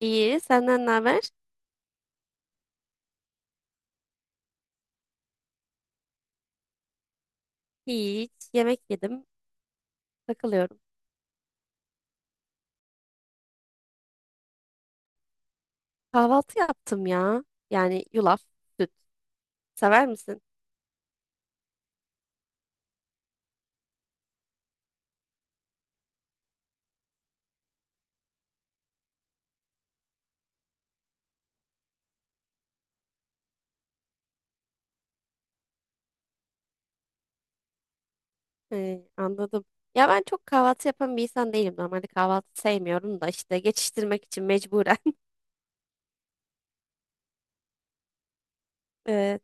İyi, senden ne haber? Hiç, yemek yedim, takılıyorum. Kahvaltı yaptım ya. Yani yulaf, süt. Sever misin? He, anladım. Ya ben çok kahvaltı yapan bir insan değilim. Normalde kahvaltı sevmiyorum da işte geçiştirmek için mecburen. Evet,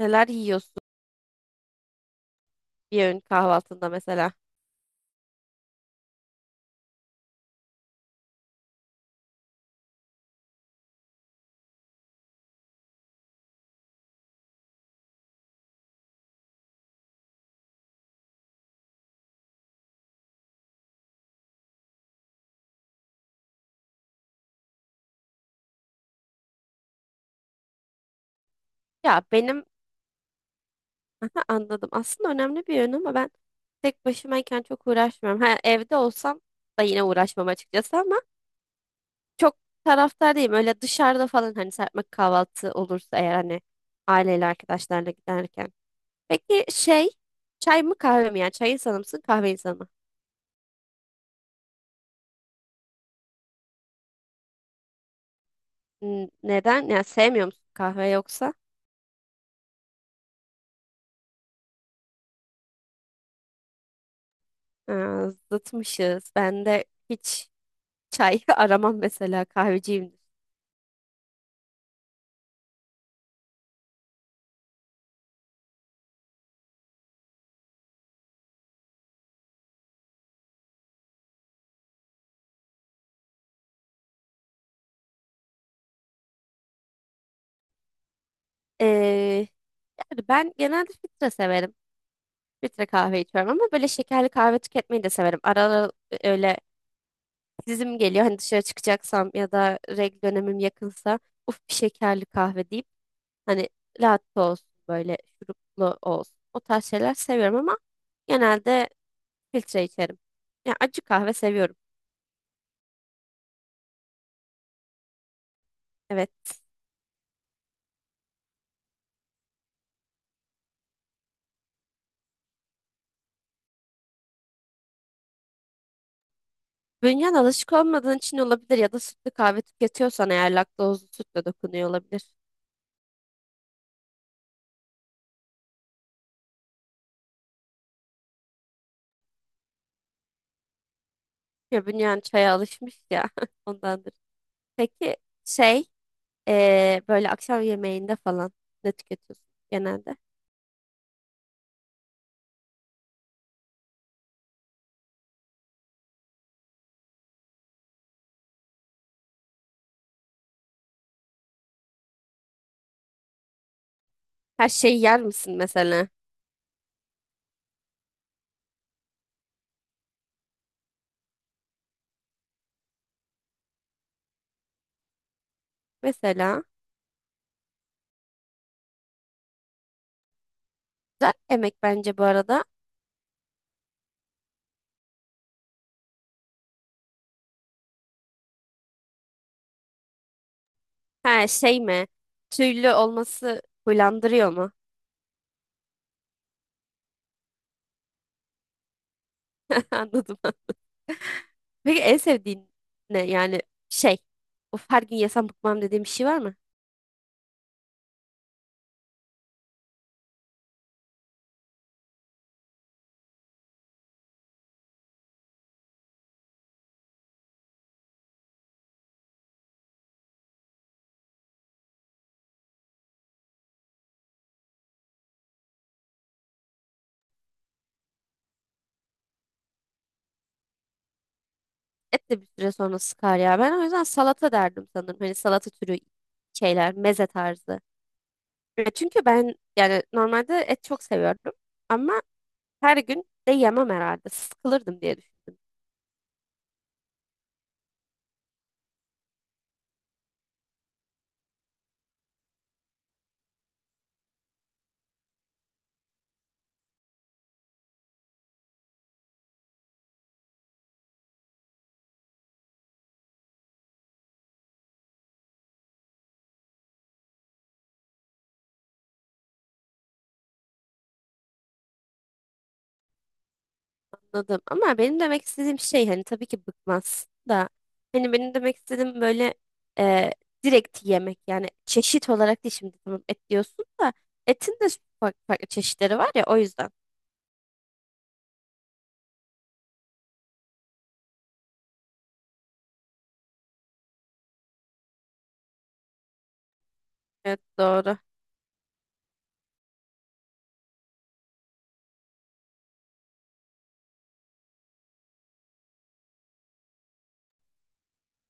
neler yiyorsun bir öğün kahvaltında mesela? Ya benim, aha, anladım. Aslında önemli bir öğün ama ben tek başımayken çok uğraşmıyorum. Ha, evde olsam da yine uğraşmam açıkçası ama çok taraftar değilim. Öyle dışarıda falan hani serpme kahvaltı olursa eğer hani aileyle arkadaşlarla giderken. Peki şey çay mı kahve mi? Yani çay insanı mısın kahve insanı mı? N- Neden? Yani sevmiyor musun kahve yoksa? Ha, zıtmışız. Ben de hiç çay aramam mesela kahveciyimdir. Ee, yani ben genelde filtre severim. Filtre kahve içiyorum ama böyle şekerli kahve tüketmeyi de severim. Ara ara öyle dizim geliyor. Hani dışarı çıkacaksam ya da regl dönemim yakınsa uf bir şekerli kahve deyip hani latte olsun böyle şuruplu olsun. O tarz şeyler seviyorum ama genelde filtre içerim. Yani acı kahve seviyorum. Evet. Bünyen alışık olmadığın için olabilir ya da sütlü kahve tüketiyorsan eğer laktozlu sütle dokunuyor olabilir. Ya bünyen çaya alışmış ya ondandır. Peki şey böyle akşam yemeğinde falan ne tüketiyorsun genelde? Her şeyi yer misin mesela? Mesela güzel emek bence bu arada. Ha, şey mi? Tüylü olması huylandırıyor mu? Anladım. Peki en sevdiğin ne? Yani şey. Of, her gün yesem bıkmam dediğim bir şey var mı? Et de bir süre sonra sıkar ya. Ben o yüzden salata derdim sanırım. Hani salata türü şeyler, meze tarzı. E, çünkü ben yani normalde et çok seviyordum. Ama her gün de yemem herhalde. Sıkılırdım diye düşündüm. Anladım. Ama benim demek istediğim şey hani tabii ki bıkmaz da hani benim demek istediğim böyle e, direkt yemek yani çeşit olarak değil şimdi tamam et diyorsun da etin de farklı çeşitleri var ya o yüzden. Evet, doğru.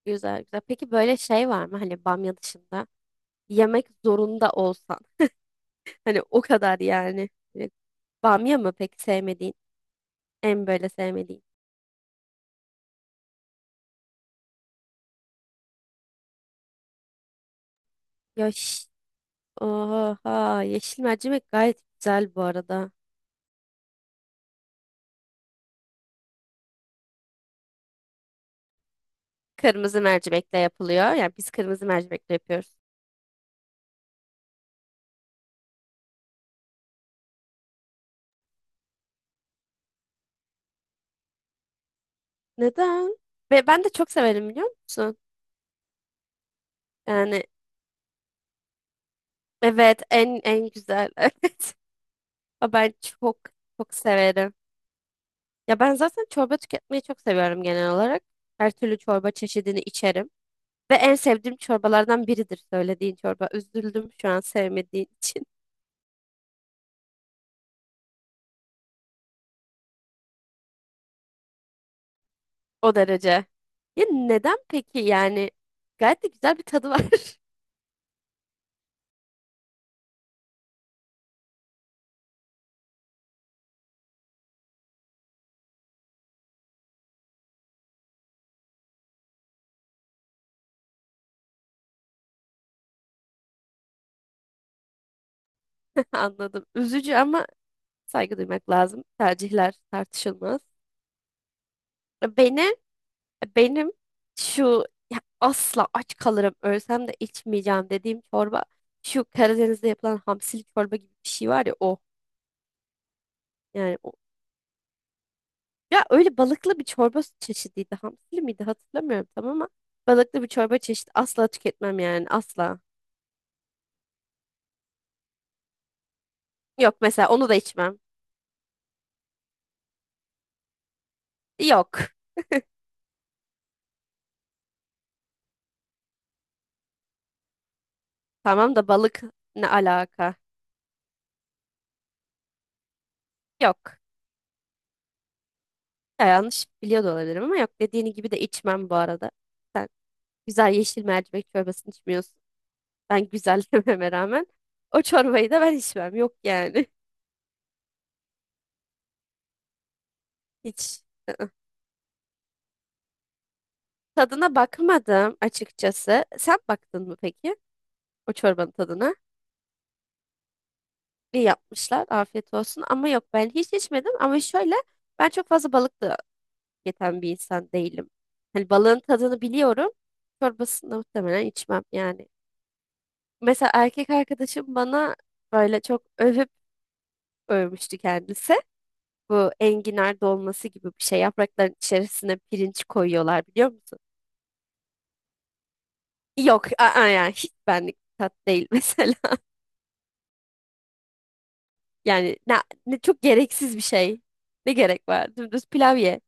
Güzel güzel. Peki böyle şey var mı hani bamya dışında yemek zorunda olsan hani o kadar yani. Hani bamya mı peki sevmediğin? En böyle sevmediğin. Yaş. Oha, yeşil mercimek gayet güzel bu arada. Kırmızı mercimekle yapılıyor. Yani biz kırmızı mercimekle yapıyoruz. Neden? Ve ben de çok severim biliyor musun? Yani evet, en en güzel. Evet. Ama ben çok çok severim. Ya ben zaten çorba tüketmeyi çok seviyorum genel olarak. Her türlü çorba çeşidini içerim. Ve en sevdiğim çorbalardan biridir söylediğin çorba. Üzüldüm şu an sevmediğin için. O derece. Ya neden peki yani? Gayet de güzel bir tadı var. Anladım. Üzücü ama saygı duymak lazım. Tercihler tartışılmaz. E, beni, e, benim şu ya asla aç kalırım ölsem de içmeyeceğim dediğim çorba şu Karadeniz'de yapılan hamsili çorba gibi bir şey var ya o. Yani o, ya öyle balıklı bir çorba çeşidiydi. Hamsili miydi hatırlamıyorum tam ama balıklı bir çorba çeşidi asla tüketmem yani asla. Yok mesela onu da içmem. Yok. Tamam da balık ne alaka? Yok. Ya yanlış biliyor da olabilirim ama yok dediğini gibi de içmem bu arada. Sen. Güzel yeşil mercimek çorbasını içmiyorsun. Ben güzel dememe rağmen o çorbayı da ben içmem. Yok yani. Hiç. I-ı. Tadına bakmadım açıkçası. Sen baktın mı peki o çorbanın tadına? İyi yapmışlar. Afiyet olsun. Ama yok, ben hiç içmedim. Ama şöyle ben çok fazla balık da yeten bir insan değilim. Hani balığın tadını biliyorum. Çorbasını da muhtemelen içmem yani. Mesela erkek arkadaşım bana böyle çok övüp övmüştü kendisi. Bu enginar dolması gibi bir şey. Yaprakların içerisine pirinç koyuyorlar biliyor musun? Yok, aa, yani hiç benlik bir tat değil mesela. Yani ne çok gereksiz bir şey. Ne gerek var? Dümdüz pilav ye.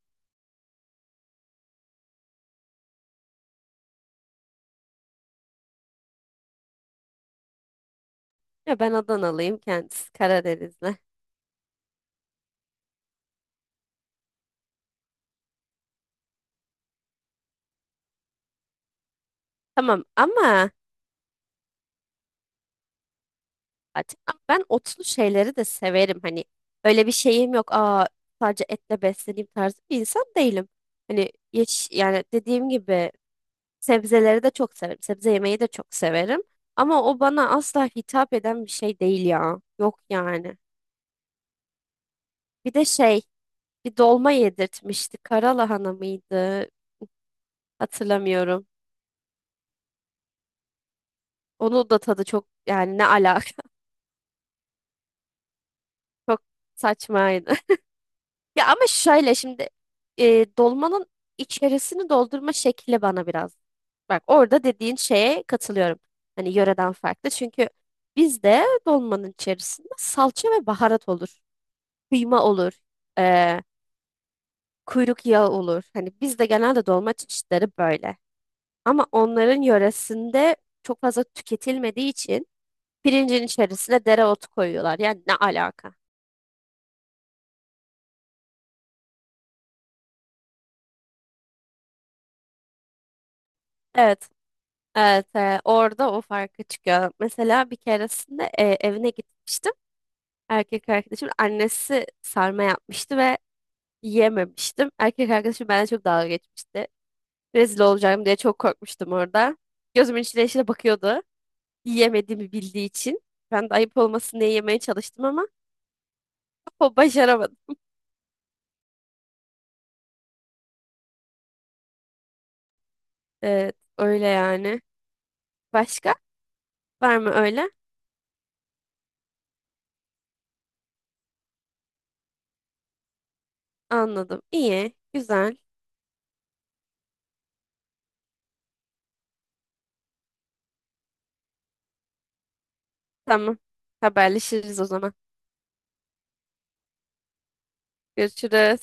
Ya ben Adanalıyım, kendisi Karadenizli. Tamam ama zaten ben otlu şeyleri de severim. Hani öyle bir şeyim yok. Aa, sadece etle besleneyim tarzı bir insan değilim. Hani yeş yani dediğim gibi sebzeleri de çok severim. Sebze yemeyi de çok severim. Ama o bana asla hitap eden bir şey değil ya. Yok yani. Bir de şey, bir dolma yedirtmişti. Karalahana mıydı? Hatırlamıyorum. Onu da tadı çok yani ne alaka çok saçmaydı. Ya ama şöyle şimdi e, dolmanın içerisini doldurma şekli bana biraz. Bak orada dediğin şeye katılıyorum. Hani yöreden farklı. Çünkü bizde dolmanın içerisinde salça ve baharat olur. Kıyma olur, eee, kuyruk yağı olur. Hani bizde genelde dolma çeşitleri böyle. Ama onların yöresinde çok fazla tüketilmediği için pirincin içerisine dereotu koyuyorlar. Yani ne alaka? Evet, evet, orada o farkı çıkıyor. Mesela bir keresinde evine gitmiştim. Erkek arkadaşımın annesi sarma yapmıştı ve yiyememiştim. Erkek arkadaşım benden çok dalga geçmişti. Rezil olacağım diye çok korkmuştum orada. Gözümün içine içine bakıyordu. Yiyemediğimi bildiği için. Ben de ayıp olmasın diye yemeye çalıştım ama o başaramadı. Evet, öyle yani. Başka? Var mı öyle? Anladım. İyi, güzel. Tamam. Haberleşiriz o zaman. Görüşürüz.